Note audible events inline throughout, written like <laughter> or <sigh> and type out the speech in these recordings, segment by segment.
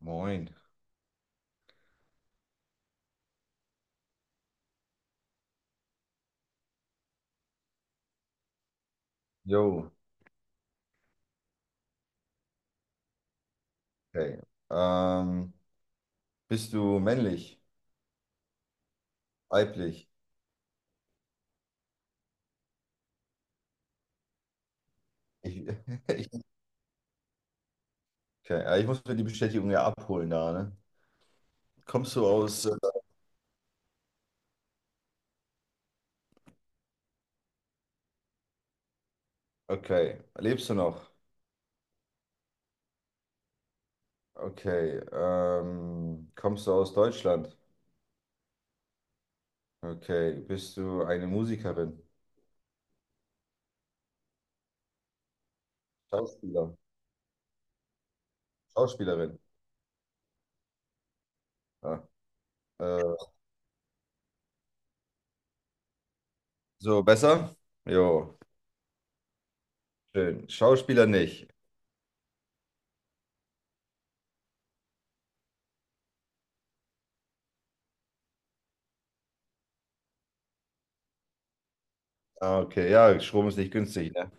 Moin. Jo, okay. Ähm, Bist du männlich? Weiblich? Ich, <laughs> ich, okay. Ja, ich muss mir die Bestätigung ja abholen da, ne? Kommst du aus. Okay. Lebst du noch? Okay. Kommst du aus Deutschland? Okay. Bist du eine Musikerin? Schauspieler? Schauspielerin? Ja. Äh, so, besser? Jo, schön. Schauspieler nicht. Ah, okay. Ja, Strom ist nicht günstig, ne?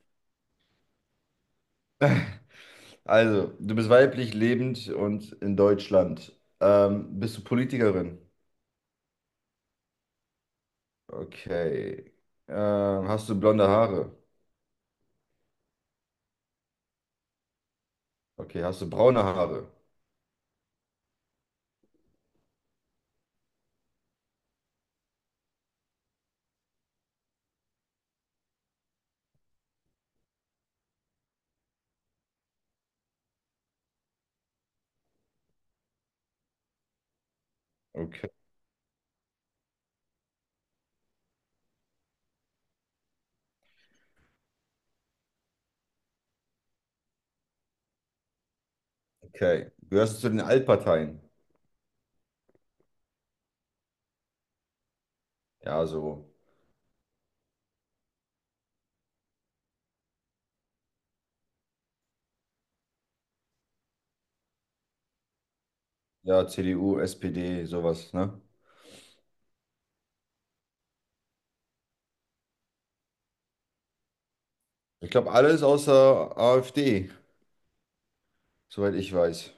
Also, du bist weiblich, lebend und in Deutschland. Bist du Politikerin? Okay. Hast du blonde Haare? Okay. Hast du braune Haare? Okay. Okay. Gehörst du zu den Altparteien? Ja, so. Ja, CDU, SPD, sowas, ne? Ich glaube, alles außer AfD, soweit ich weiß.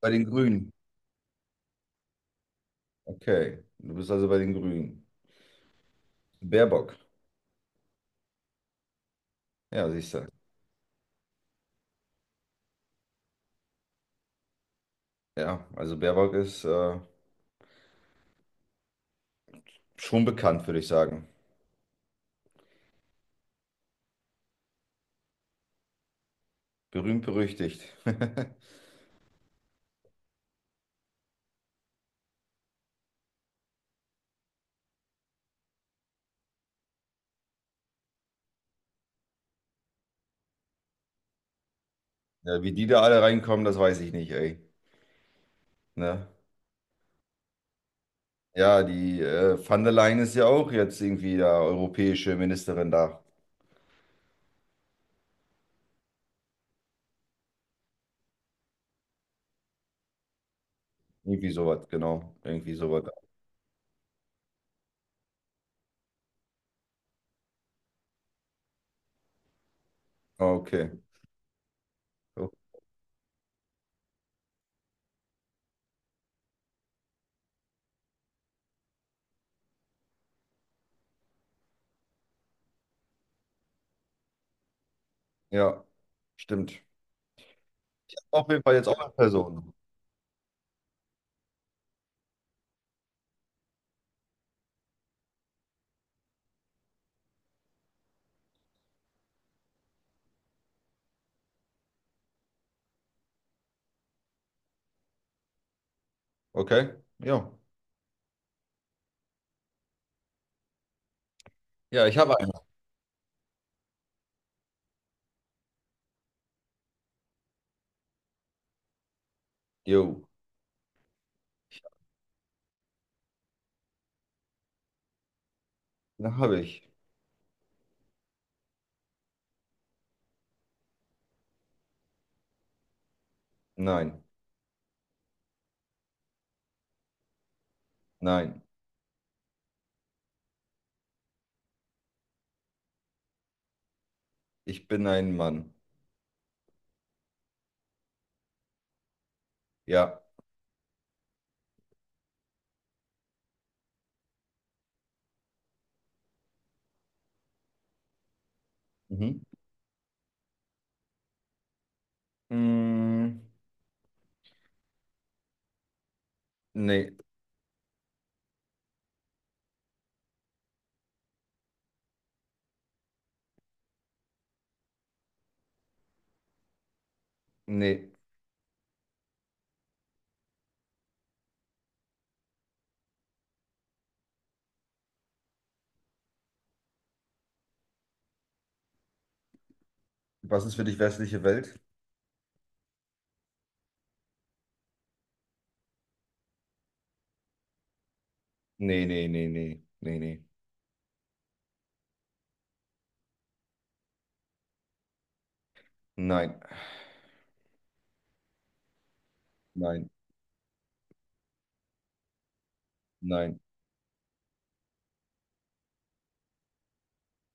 Bei den Grünen. Okay. Du bist also bei den Grünen. Baerbock. Ja, siehst du. Ja, also Baerbock ist schon bekannt, würde ich sagen. Berühmt berüchtigt. <laughs> Ja, wie die da alle reinkommen, das weiß ich nicht, ey. Ne? Ja, die van der Leyen ist ja auch jetzt irgendwie da europäische Ministerin da. Irgendwie sowas, genau. Irgendwie sowas. Ah, okay. So. Ja, stimmt. Auf jeden Fall jetzt auch eine Person. Okay? Ja. Ja, ich habe einen. Jo. Na, habe ich. Nein. Nein. Ich bin ein Mann. Ja. Mhm. Mm, Nee. Nee. Was ist für dich westliche Welt? Nee, nee, nee, nee, nee, nee. Nein, nein, nein.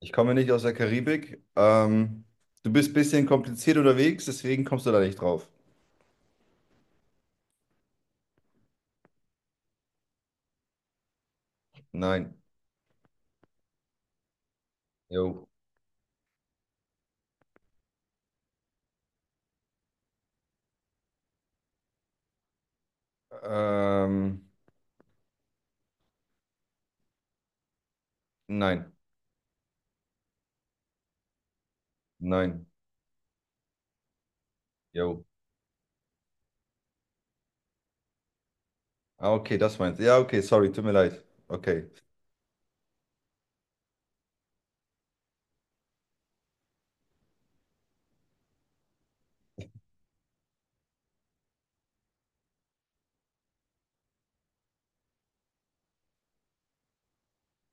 Ich komme nicht aus der Karibik. Du bist ein bisschen kompliziert unterwegs, deswegen kommst du da nicht drauf. Nein. Jo. Ähm, nein, nein. Jo. Ah, okay, das meinst du. Ja, okay, sorry, tut mir leid. Okay.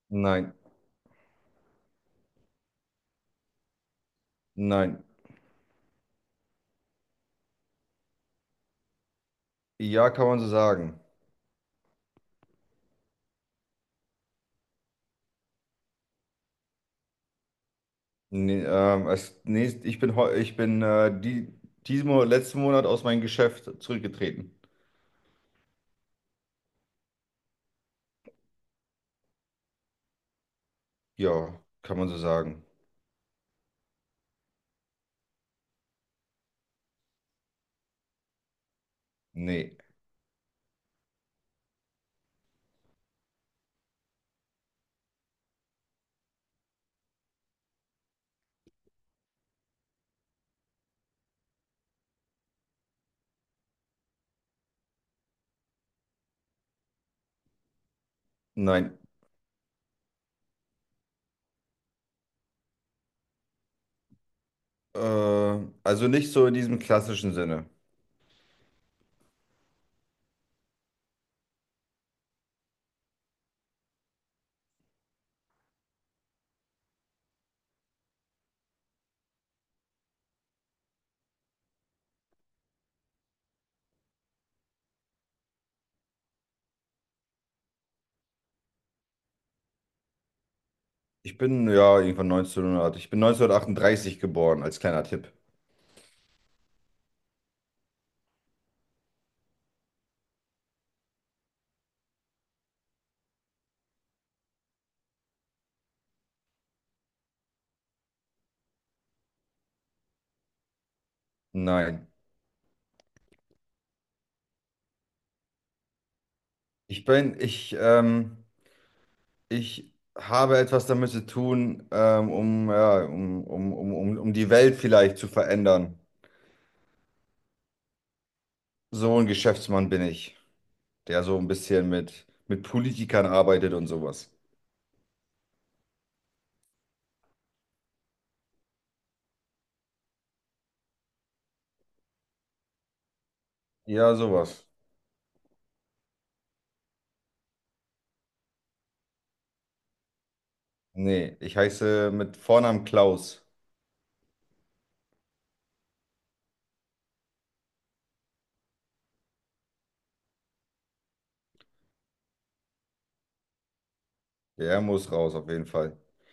Nein, nein. Ja, kann man so sagen. Nee, als nächst, ich bin diesen Monat, letzten Monat aus meinem Geschäft zurückgetreten. Ja, kann man so sagen. Nee. Nein. Äh, also nicht so in diesem klassischen Sinne. Ich bin ja irgendwann 1900. Ich bin 1938 geboren, als kleiner Tipp. Nein. Ich bin, ich, ähm, Ich habe etwas damit zu tun, ja, um die Welt vielleicht zu verändern. So ein Geschäftsmann bin ich, der so ein bisschen mit Politikern arbeitet und sowas. Ja, sowas. Nee, ich heiße mit Vornamen Klaus. Der muss raus, auf jeden Fall.